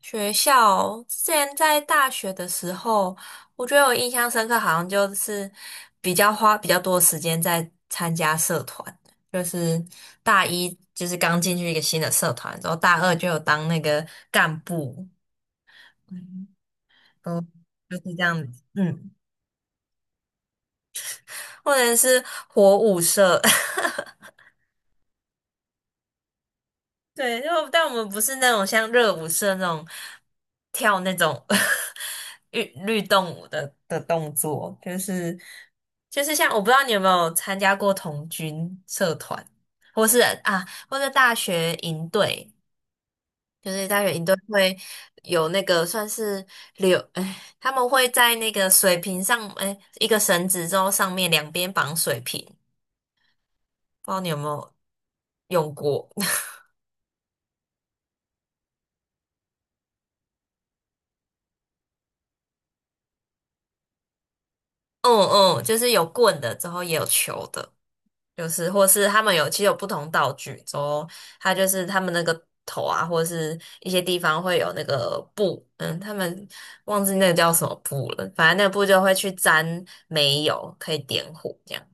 学校之前在大学的时候，我觉得我印象深刻，好像就是比较花比较多时间在参加社团，就是大一就是刚进去一个新的社团，然后大二就有当那个干部，嗯，都就是这样子，嗯，或者是火舞社。对，因为但我们不是那种像热舞社那种跳那种 律动舞的动作，就是像我不知道你有没有参加过童军社团，或是啊，或者大学营队，就是大学营队会有那个算是柳，哎，他们会在那个水瓶上，哎，一个绳子之后上面两边绑水瓶，不知道你有没有用过？嗯嗯，就是有棍的，之后也有球的。就是或是他们有其实有不同道具，之后它就是他们那个头啊，或者是一些地方会有那个布，嗯，他们忘记那个叫什么布了，反正那个布就会去沾煤油，可以点火这样。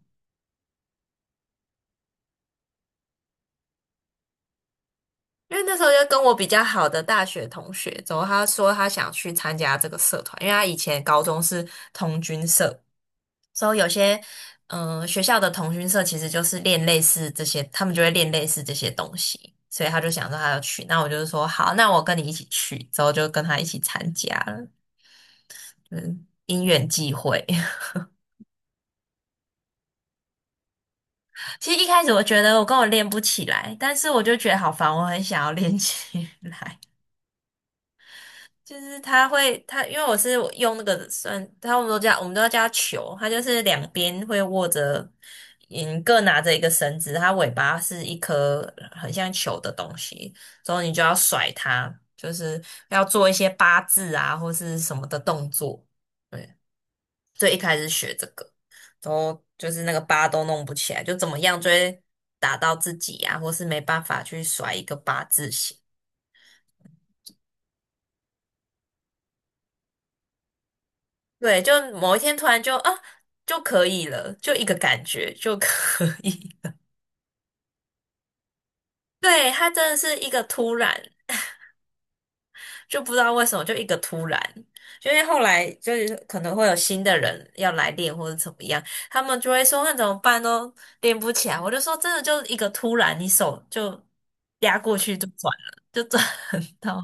因为那时候就跟我比较好的大学同学，之后他说他想去参加这个社团，因为他以前高中是童军社，所以有些学校的同军社其实就是练类似这些，他们就会练类似这些东西，所以他就想说他要去，那我就是说好，那我跟你一起去，之后就跟他一起参加了，嗯，因缘际会。其实一开始我觉得我练不起来，但是我就觉得好烦，我很想要练起来。就是它会，它因为我是用那个算，他我们都叫我们都要叫它球，它就是两边会握着，嗯，各拿着一个绳子，它尾巴是一颗很像球的东西，之后你就要甩它，就是要做一些八字啊或是什么的动作。对，最一开始学这个，都就是那个八都弄不起来，就怎么样就会打到自己啊，或是没办法去甩一个八字形。对，就某一天突然就就可以了，就一个感觉就可以。对，它真的是一个突然，就不知道为什么就一个突然，就因为后来就是可能会有新的人要来练或者怎么样，他们就会说那怎么办都练不起来。我就说真的就一个突然，你手就压过去就转了，就转 到。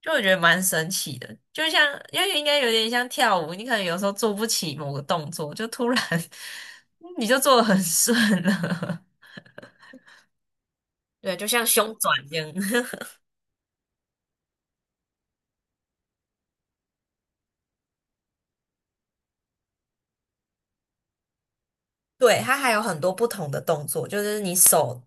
就我觉得蛮神奇的，就像因为应该有点像跳舞，你可能有时候做不起某个动作，就突然 你就做的很顺了。对，就像胸转一样。对，它还有很多不同的动作，就是你手，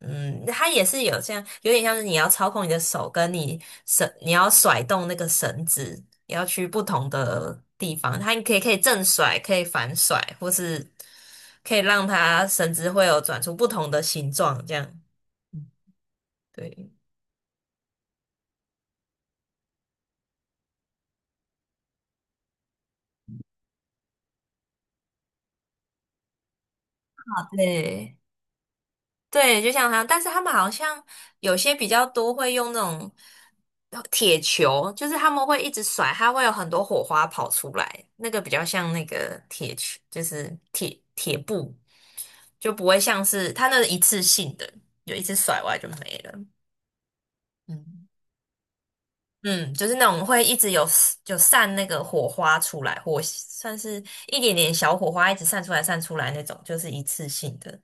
嗯，它也是有像，有点像是你要操控你的手，跟你绳，你要甩动那个绳子，你要去不同的地方。它可以正甩，可以反甩，或是可以让它绳子会有转出不同的形状，这样。对，对对，就像他，但是他们好像有些比较多会用那种铁球，就是他们会一直甩，它会有很多火花跑出来，那个比较像那个铁球，就是铁布，就不会像是它那是一次性的，就一次甩完就没了。嗯，嗯，就是那种会一直有就散那个火花出来，火算是一点点小火花，一直散出来散出来那种，就是一次性的。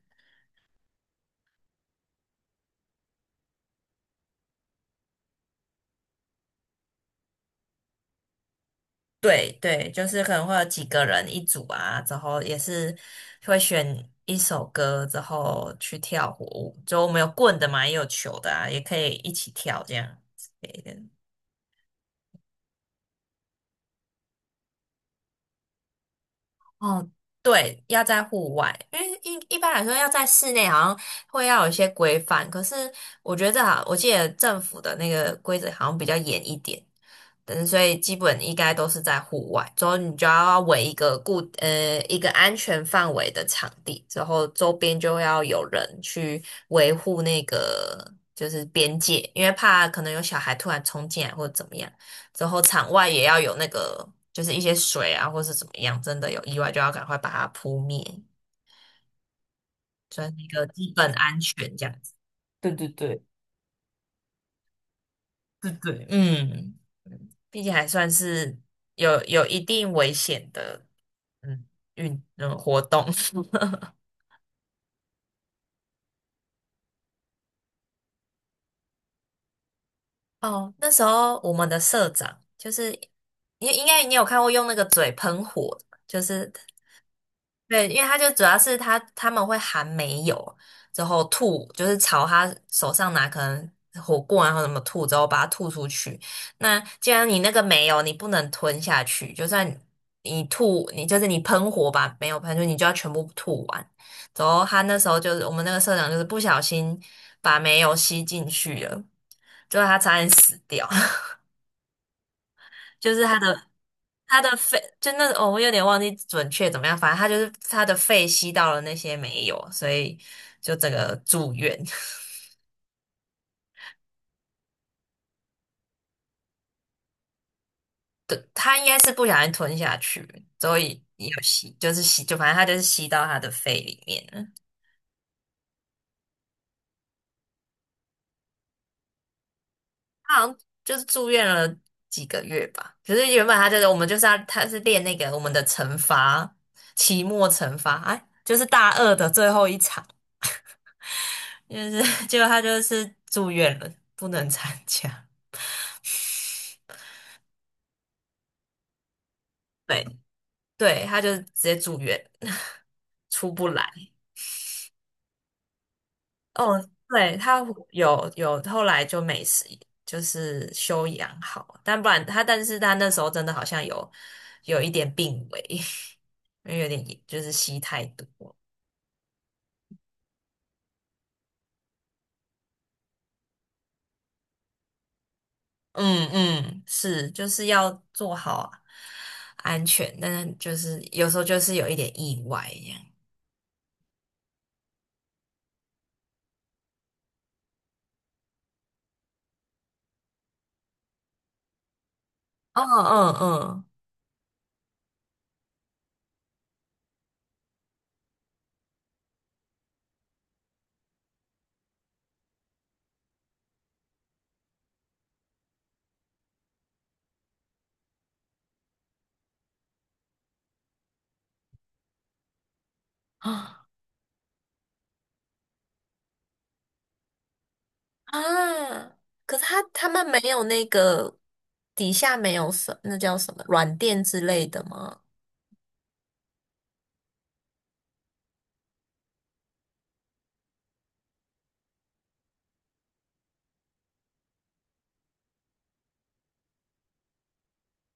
对对，就是可能会有几个人一组啊，之后也是会选一首歌之后去跳火舞，就我们有棍的嘛，也有球的啊，也可以一起跳这样。哦，对，要在户外，因为一般来说要在室内好像会要有一些规范，可是我觉得这好我记得政府的那个规则好像比较严一点，嗯，所以基本应该都是在户外，之后你就要围一个安全范围的场地，之后周边就要有人去维护那个就是边界，因为怕可能有小孩突然冲进来或者怎么样。之后场外也要有那个，就是一些水啊，或是怎么样，真的有意外就要赶快把它扑灭，算是一个基本安全这样子。对对对，对对，嗯，嗯毕竟还算是有一定危险的，嗯，活动。哦，那时候我们的社长就是，你应该你有看过用那个嘴喷火的就是对，因为他就主要是他们会含煤油，之后吐，就是朝他手上拿可能火锅然后什么吐，之后把它吐出去。那既然你那个没有，你不能吞下去，就算你吐，你就是你喷火把没有喷出去，你就要全部吐完。之后他那时候就是我们那个社长就是不小心把煤油吸进去了，就他差点死掉。就是他的肺，就那哦，我有点忘记准确怎么样，反正他就是他的肺吸到了那些没有，所以就整个住院。对，他应该是不小心吞下去，所以也有吸，就是吸，就反正他就是吸到他的肺里面了。他好像就是住院了几个月吧。可是原本他就是我们就是要他是练那个我们的惩罚，期末惩罚，哎，就是大二的最后一场，就是 结果他就是住院了，不能参加。对。对，他就直接住院。出不来。哦，对，他后来就没事，就是休养好，但不然他，但是他那时候真的好像有一点病危。因为有点也就是吸太多。嗯嗯，是，就是要做好安全，但是就是有时候就是有一点意外一样。嗯嗯嗯，啊，可是他他们没有那个底下没有什那叫什么软垫之类的吗？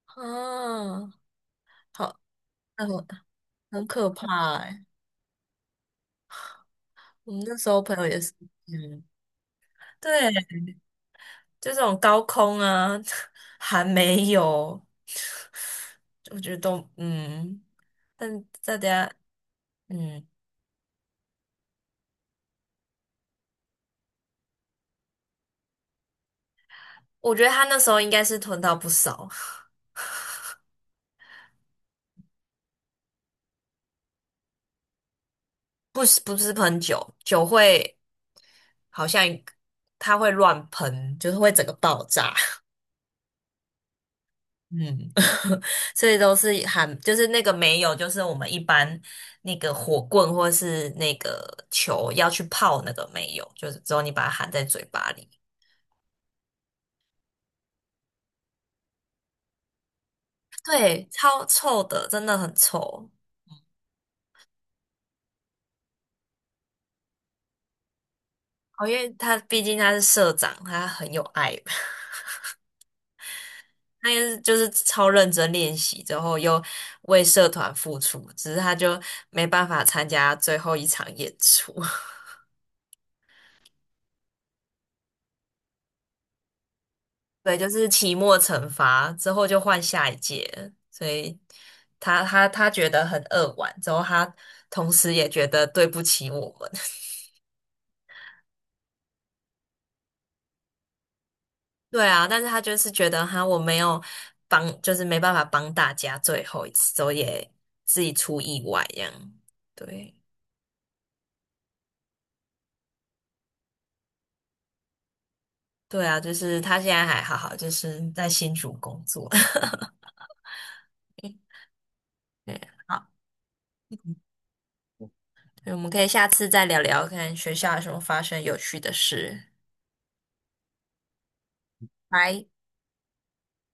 啊，好，那很可怕哎、我们那时候朋友也是，嗯，对，就这种高空啊，还没有，我觉得都嗯，但大家嗯，我觉得他那时候应该是囤到不少。不是不是喷酒，酒会好像它会乱喷，就是会整个爆炸。嗯，所以都是含，就是那个没有，就是我们一般那个火棍或是那个球要去泡那个没有，就是只有你把它含在嘴巴里。对，超臭的，真的很臭。哦，因为他毕竟他是社长，他很有爱。他也是就是超认真练习之后，又为社团付出，只是他就没办法参加最后一场演出。对，就是期末惩罚之后就换下一届了所以他觉得很扼腕，之后他同时也觉得对不起我们。对啊，但是他就是觉得哈，我没有帮，就是没办法帮大家最后一次，之后也自己出意外这样。对。对啊，就是他现在还好好，就是在新竹工作。对，好，我们可以下次再聊聊看学校有什么发生有趣的事。拜。